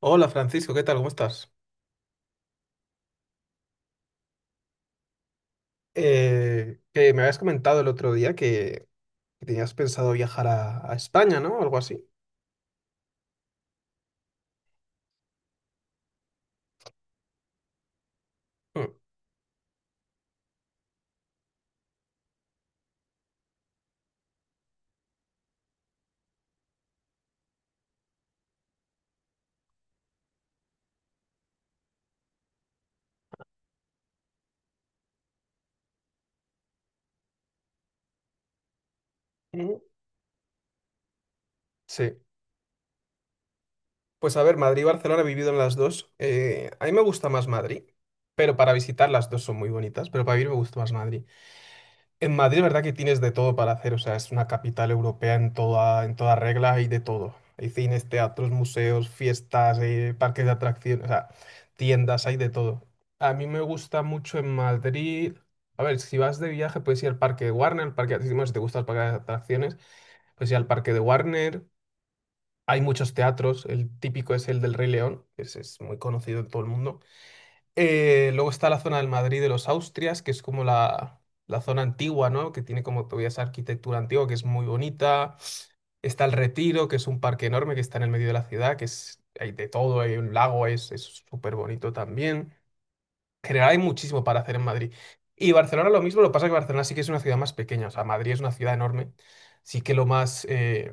Hola Francisco, ¿qué tal? ¿Cómo estás? Que me habías comentado el otro día que tenías pensado viajar a España, ¿no? Algo así. Mm. Mm. Sí. Pues a ver, Madrid y Barcelona he vivido en las dos. A mí me gusta más Madrid, pero para visitar las dos son muy bonitas, pero para vivir me gusta más Madrid. En Madrid, ¿verdad que tienes de todo para hacer? O sea, es una capital europea en toda regla, hay de todo. Hay cines, teatros, museos, fiestas, parques de atracciones, o sea, tiendas, hay de todo. A mí me gusta mucho en Madrid. A ver, si vas de viaje, puedes ir al parque de Warner, el parque de atracciones, si te gustan el parque de atracciones, puedes ir al parque de Warner. Hay muchos teatros, el típico es el del Rey León, que ese es muy conocido en todo el mundo. Luego está la zona del Madrid de los Austrias, que es como la zona antigua, ¿no? Que tiene como todavía esa arquitectura antigua que es muy bonita. Está el Retiro, que es un parque enorme que está en el medio de la ciudad, que es, hay de todo, hay un lago, es súper bonito. También general hay muchísimo para hacer en Madrid. Y Barcelona lo mismo, lo que pasa es que Barcelona sí que es una ciudad más pequeña. O sea, Madrid es una ciudad enorme, sí que lo más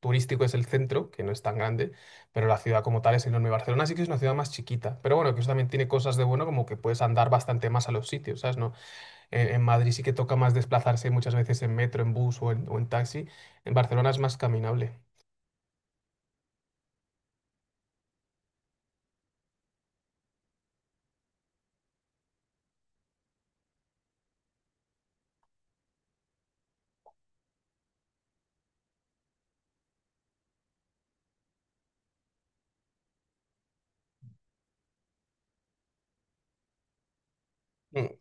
turístico es el centro, que no es tan grande, pero la ciudad como tal es enorme. Barcelona sí que es una ciudad más chiquita, pero bueno, que eso también tiene cosas de bueno, como que puedes andar bastante más a los sitios, ¿sabes? No, en Madrid sí que toca más desplazarse muchas veces en metro, en bus o o en taxi, en Barcelona es más caminable. Mm,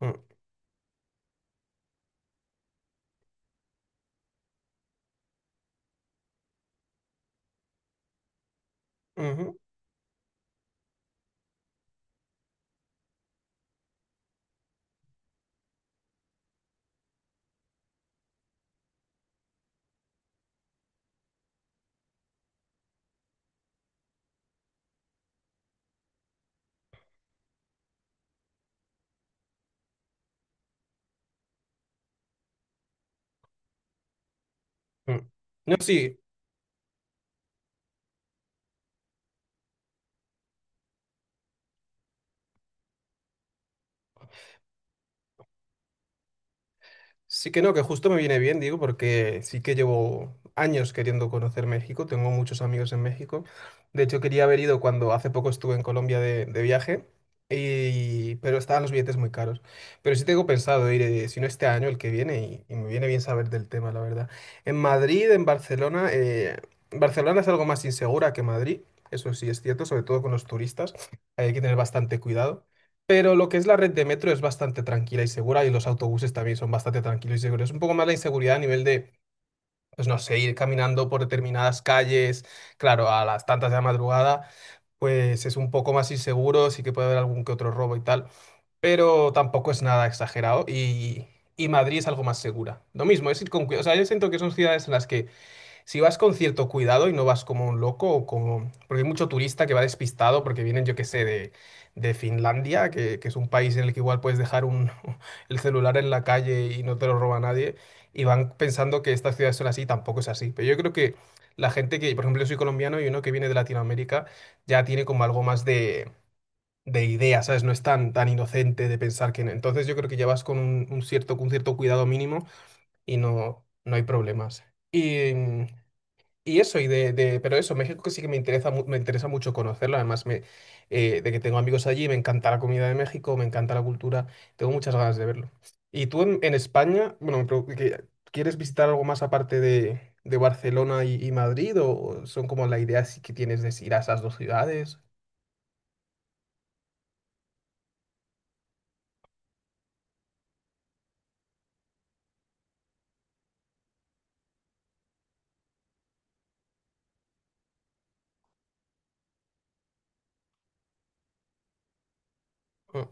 mm, ujú, mm. No, sí. Sí que no, que justo me viene bien, digo, porque sí que llevo años queriendo conocer México, tengo muchos amigos en México. De hecho, quería haber ido cuando hace poco estuve en Colombia de viaje, pero estaban los billetes muy caros. Pero sí tengo pensado ir, si no este año, el que viene, y me viene bien saber del tema, la verdad. En Madrid, en Barcelona, Barcelona es algo más insegura que Madrid, eso sí es cierto, sobre todo con los turistas, hay que tener bastante cuidado. Pero lo que es la red de metro es bastante tranquila y segura y los autobuses también son bastante tranquilos y seguros. Es un poco más la inseguridad a nivel de, pues no sé, ir caminando por determinadas calles, claro, a las tantas de la madrugada, pues es un poco más inseguro, sí que puede haber algún que otro robo y tal, pero tampoco es nada exagerado, y Madrid es algo más segura. Lo mismo, es ir con cuidado. O sea, yo siento que son ciudades en las que si vas con cierto cuidado y no vas como un loco o como... Porque hay mucho turista que va despistado porque vienen, yo qué sé, de Finlandia, que es un país en el que igual puedes dejar un, el celular en la calle y no te lo roba nadie, y van pensando que estas ciudades son así, y tampoco es así. Pero yo creo que la gente que, por ejemplo, yo soy colombiano y uno que viene de Latinoamérica ya tiene como algo más de idea, ¿sabes? No es tan, tan inocente de pensar que... no. Entonces yo creo que ya vas con un cierto cuidado mínimo y no hay problemas. Y y eso, pero eso, México que sí que me interesa, me interesa mucho conocerlo, además de que tengo amigos allí, me encanta la comida de México, me encanta la cultura, tengo muchas ganas de verlo. Y tú en, España, bueno, ¿quieres visitar algo más aparte de Barcelona y Madrid, o son como la idea sí que tienes de ir a esas dos ciudades? Ah.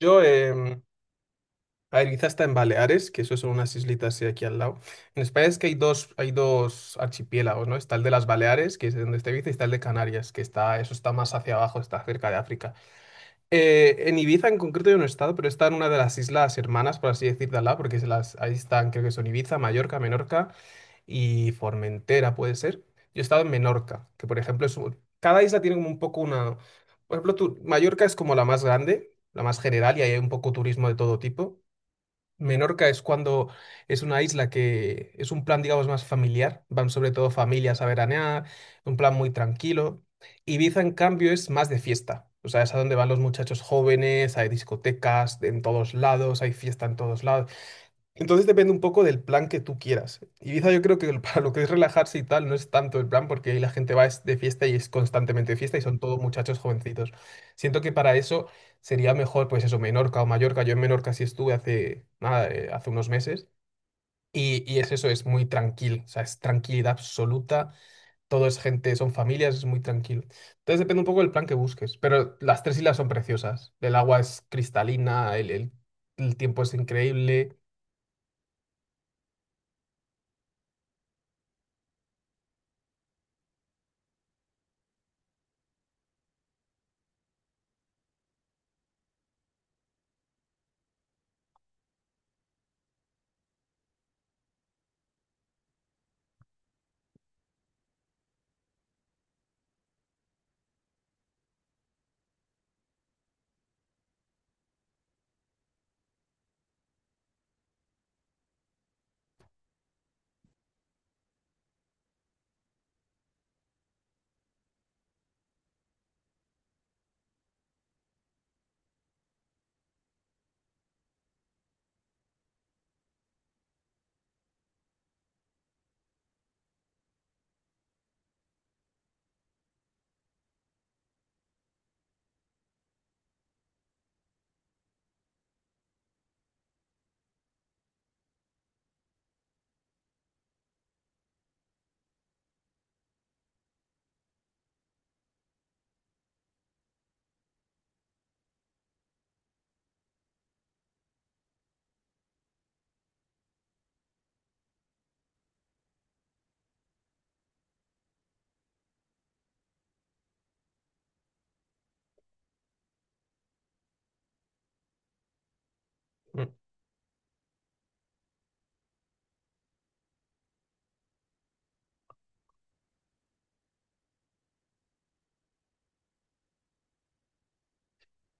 Yo, A ver, quizás está en Baleares, que eso son unas islitas sí, aquí al lado. En España es que hay dos archipiélagos, ¿no? Está el de las Baleares, que es donde está Ibiza, y está el de Canarias, que está, eso está más hacia abajo, está cerca de África. En Ibiza en concreto yo no he estado, pero está en una de las islas hermanas, por así decir, de al lado, porque se las, ahí están, creo que son Ibiza, Mallorca, Menorca y Formentera, puede ser. Yo he estado en Menorca, que por ejemplo cada isla tiene como un poco una... Por ejemplo, Mallorca es como la más grande, la más general, y ahí hay un poco turismo de todo tipo. Menorca es una isla que es un plan, digamos, más familiar. Van sobre todo familias a veranear, un plan muy tranquilo. Ibiza, en cambio, es más de fiesta. O sea, es a donde van los muchachos jóvenes, hay discotecas en todos lados, hay fiesta en todos lados. Entonces depende un poco del plan que tú quieras. Ibiza yo creo que para lo que es relajarse y tal no es tanto el plan, porque ahí la gente va es de fiesta y es constantemente de fiesta y son todos muchachos jovencitos. Siento que para eso sería mejor pues eso, Menorca o Mallorca. Yo en Menorca sí estuve hace, nada, hace unos meses, y es eso, es muy tranquilo. O sea, es tranquilidad absoluta. Todo es gente, son familias, es muy tranquilo. Entonces depende un poco del plan que busques. Pero las tres islas son preciosas. El agua es cristalina, el, el tiempo es increíble.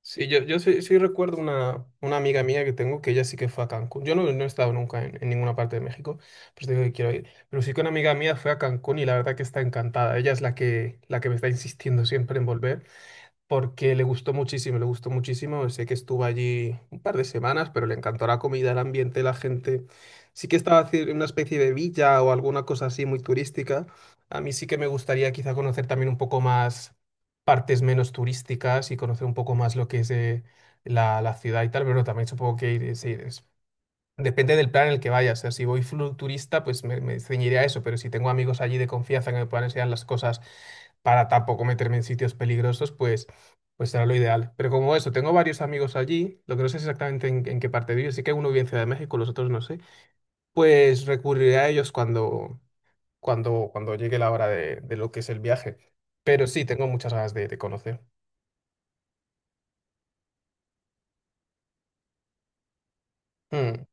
Sí, yo sí, recuerdo una amiga mía que tengo que ella sí que fue a Cancún. Yo no he estado nunca en ninguna parte de México, pues digo que quiero ir. Pero sí que una amiga mía fue a Cancún y la verdad que está encantada. Ella es la que me está insistiendo siempre en volver porque le gustó muchísimo, le gustó muchísimo. Sé que estuvo allí un par de semanas, pero le encantó la comida, el ambiente, la gente. Sí que estaba en una especie de villa o alguna cosa así muy turística. A mí sí que me gustaría quizá conocer también un poco más partes menos turísticas y conocer un poco más lo que es la ciudad y tal, pero bueno, también supongo que ir, sí, depende del plan en el que vaya. O sea, si voy pues me ceñiré a eso, pero si tengo amigos allí de confianza que me puedan enseñar las cosas para tampoco meterme en sitios peligrosos, pues, será lo ideal. Pero como eso, tengo varios amigos allí, lo que no sé es exactamente en qué parte vive, sí que uno vive en Ciudad de México, los otros no sé, pues recurriré a ellos cuando llegue la hora de lo que es el viaje. Pero sí, tengo muchas ganas de conocer. Mm.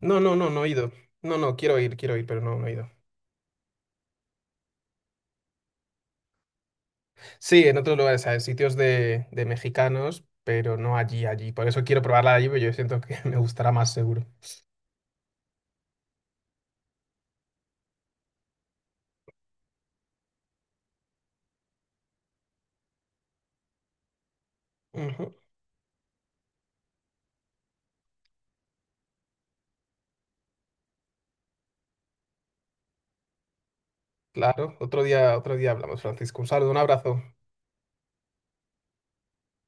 No, no, no, no he ido. No, no, quiero ir, pero no, no he ido. Sí, en otros lugares, ¿sabes? Sitios de mexicanos, pero no allí, allí. Por eso quiero probarla allí, pero yo siento que me gustará más seguro. Ujú. Claro, otro día hablamos, Francisco. Un saludo, un abrazo.